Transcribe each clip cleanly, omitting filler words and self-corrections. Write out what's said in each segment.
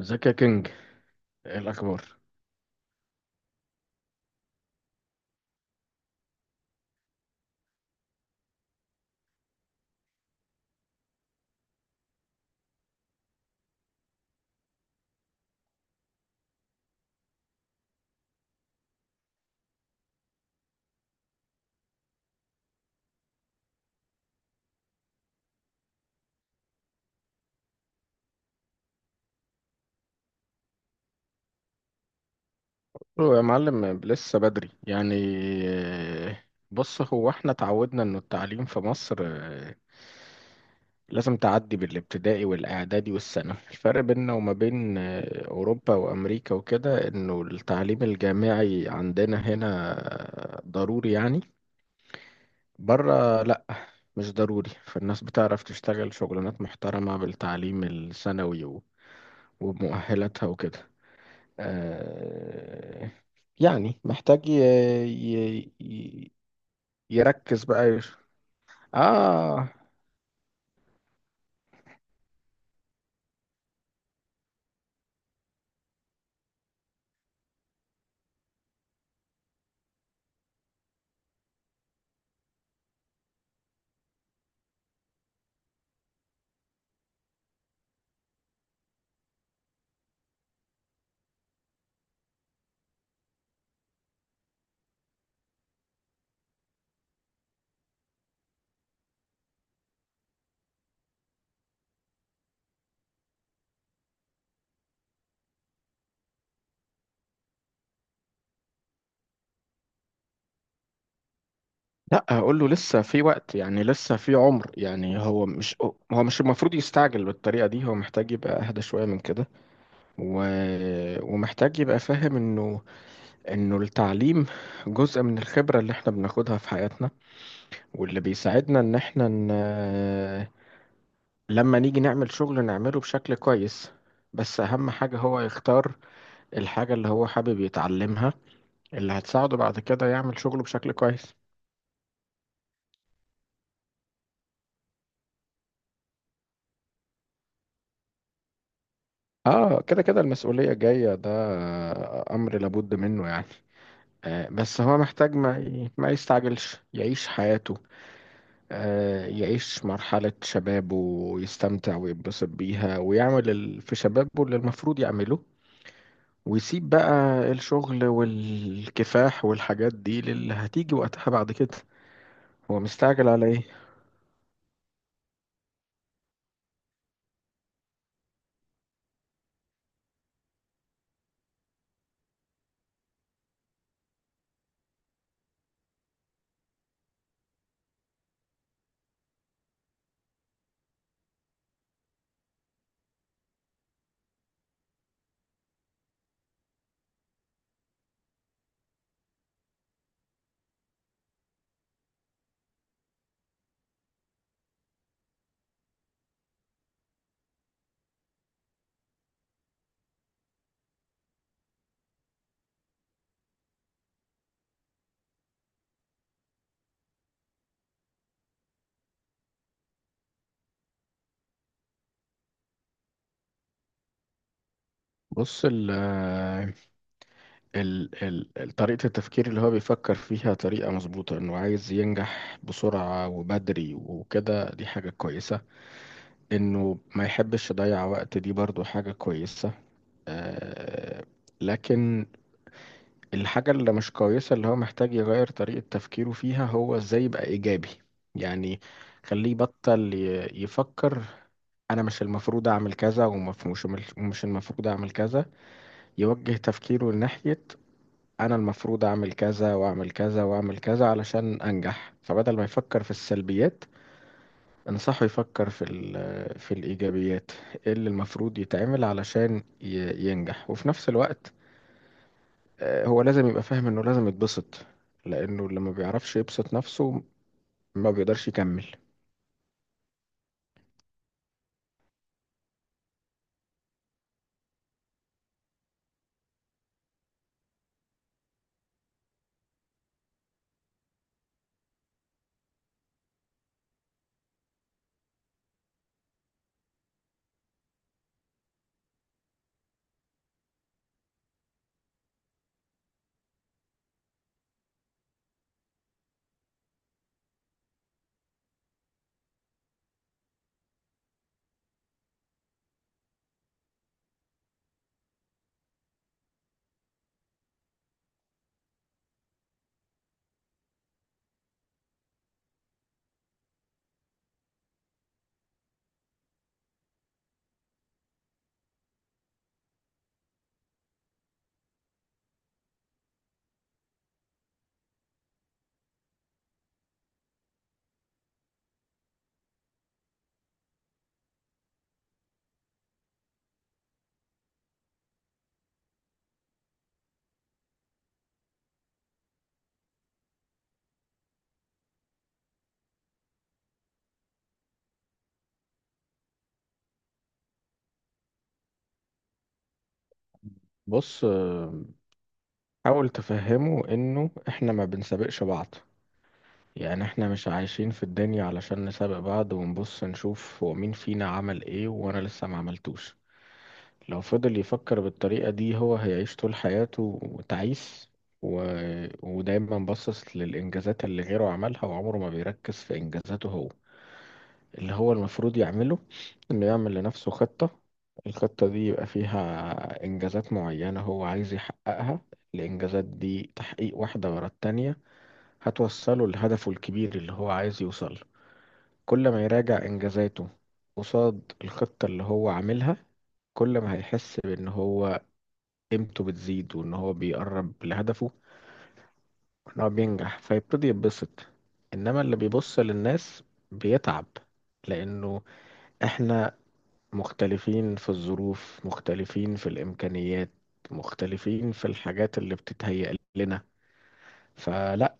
ازيك يا كينج؟ ايه الاخبار؟ هو يا معلم لسه بدري يعني. آه، بص، هو احنا اتعودنا انه التعليم في مصر لازم تعدي بالابتدائي والاعدادي والثانوي. الفرق بيننا وما بين اوروبا وامريكا وكده انه التعليم الجامعي عندنا هنا ضروري يعني. بره لا، مش ضروري. فالناس بتعرف تشتغل شغلانات محترمة بالتعليم الثانوي وبمؤهلاتها وكده. آه، يعني محتاج ي... ي- يركز بقى، يش... آه لا، هقول له لسه في وقت يعني. لسه في عمر يعني. هو مش المفروض يستعجل بالطريقة دي. هو محتاج يبقى أهدى شوية من كده، و... ومحتاج يبقى فاهم إنه التعليم جزء من الخبرة اللي إحنا بناخدها في حياتنا، واللي بيساعدنا إن لما نيجي نعمل شغل نعمله بشكل كويس. بس أهم حاجة هو يختار الحاجة اللي هو حابب يتعلمها، اللي هتساعده بعد كده يعمل شغله بشكل كويس. اه، كده كده المسؤولية جاية. ده امر لابد منه يعني. بس هو محتاج ما يستعجلش، يعيش حياته. يعيش مرحلة شبابه ويستمتع ويتبسط بيها ويعمل في شبابه اللي المفروض يعمله، ويسيب بقى الشغل والكفاح والحاجات دي للي هتيجي وقتها بعد كده. هو مستعجل على ايه؟ بص طريقة التفكير اللي هو بيفكر فيها طريقة مظبوطة. انه عايز ينجح بسرعة وبدري وكده، دي حاجة كويسة. انه ما يحبش يضيع وقت، دي برضو حاجة كويسة. آه لكن الحاجة اللي مش كويسة، اللي هو محتاج يغير طريقة تفكيره فيها، هو ازاي يبقى ايجابي يعني. خليه يبطل يفكر: انا مش المفروض اعمل كذا، ومش مش المفروض اعمل كذا. يوجه تفكيره ناحية: انا المفروض اعمل كذا واعمل كذا واعمل كذا علشان انجح. فبدل ما يفكر في السلبيات، انصحه يفكر في في الايجابيات. إيه اللي المفروض يتعمل علشان ينجح؟ وفي نفس الوقت هو لازم يبقى فاهم انه لازم يتبسط، لانه اللي ما بيعرفش يبسط نفسه ما بيقدرش يكمل. بص، حاول تفهمه انه احنا ما بنسابقش بعض. يعني احنا مش عايشين في الدنيا علشان نسابق بعض ونبص نشوف هو مين فينا عمل ايه وانا لسه ما عملتوش. لو فضل يفكر بالطريقة دي، هو هيعيش طول حياته تعيس و... ودايما باصص للإنجازات اللي غيره عملها، وعمره ما بيركز في إنجازاته هو. اللي هو المفروض يعمله إنه يعمل لنفسه خطة. الخطة دي يبقى فيها إنجازات معينة هو عايز يحققها. الإنجازات دي تحقيق واحدة ورا التانية هتوصله لهدفه الكبير اللي هو عايز يوصله. كل ما يراجع إنجازاته قصاد الخطة اللي هو عاملها، كل ما هيحس بإن هو قيمته بتزيد وان هو بيقرب لهدفه وان هو بينجح فيبتدي يتبسط. انما اللي بيبص للناس بيتعب، لانه احنا مختلفين في الظروف، مختلفين في الامكانيات، مختلفين في الحاجات اللي بتتهيأ لنا. فلا،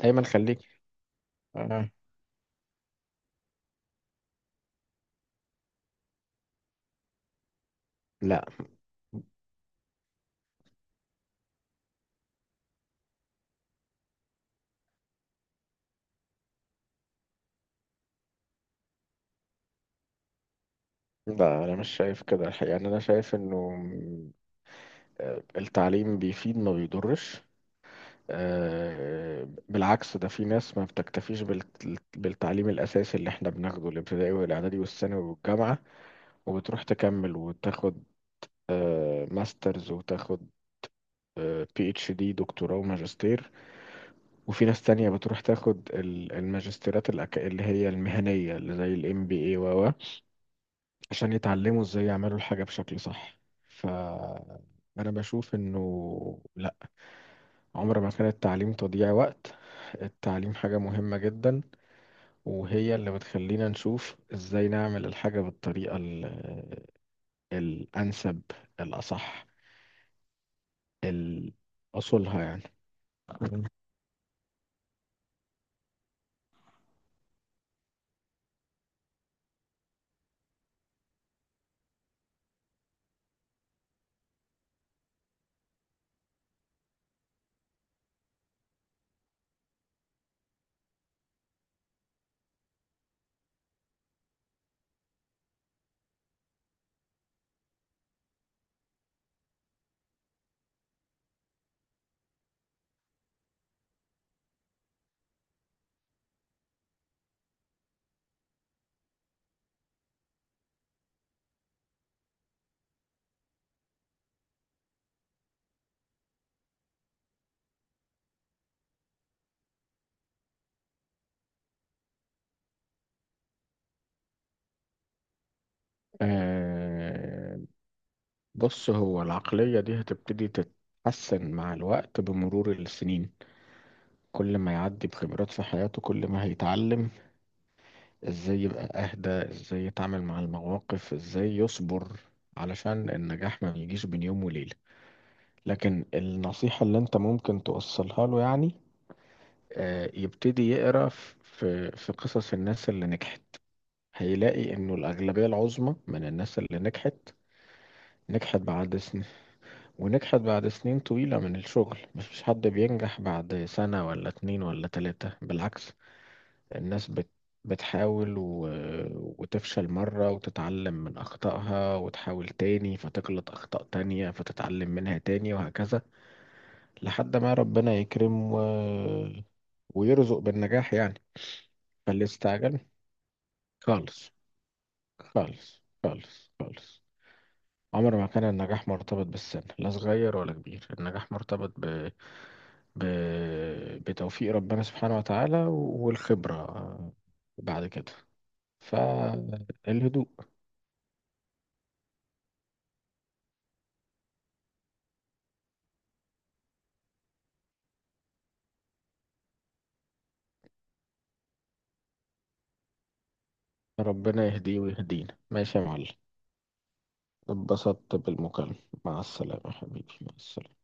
دايما خليك. آه. لا، لا انا مش شايف كده الحقيقة يعني. انا شايف انه التعليم بيفيد ما بيضرش. بالعكس، ده في ناس ما بتكتفيش بالتعليم الأساسي اللي احنا بناخده، الابتدائي والإعدادي والثانوي والجامعة، وبتروح تكمل وتاخد ماسترز، وتاخد PhD، دكتوراه وماجستير. وفي ناس تانية بتروح تاخد الماجستيرات اللي هي المهنية، اللي زي الMBA، عشان يتعلموا ازاي يعملوا الحاجة بشكل صح. فأنا بشوف إنه لأ، عمر ما كان التعليم تضييع وقت. التعليم حاجة مهمة جدا، وهي اللي بتخلينا نشوف ازاي نعمل الحاجة بالطريقة الأنسب، الأصح، ال- أصولها يعني. آه، بص، هو العقلية دي هتبتدي تتحسن مع الوقت بمرور السنين. كل ما يعدي بخبرات في حياته، كل ما هيتعلم ازاي يبقى اهدى، ازاي يتعامل مع المواقف، ازاي يصبر. علشان النجاح ما يجيش بين يوم وليلة. لكن النصيحة اللي انت ممكن توصلها له يعني، يبتدي يقرأ في قصص الناس اللي نجحت. هيلاقي انه الأغلبية العظمى من الناس اللي نجحت، نجحت بعد سنين، ونجحت بعد سنين طويلة من الشغل. مفيش حد بينجح بعد سنة ولا 2 ولا 3. بالعكس، الناس بتحاول وتفشل مرة وتتعلم من أخطائها وتحاول تاني، فتغلط أخطاء تانية فتتعلم منها تاني، وهكذا لحد ما ربنا يكرم ويرزق بالنجاح يعني. فاللي استعجل خالص، خالص، خالص، خالص. عمر ما كان النجاح مرتبط بالسن، لا صغير ولا كبير. النجاح مرتبط ب... بتوفيق ربنا سبحانه وتعالى والخبرة بعد كده. فالهدوء. ربنا يهديه ويهدينا. ماشي يا معلم. اتبسطت بالمكالمة. مع السلامة يا حبيبي، مع السلامة.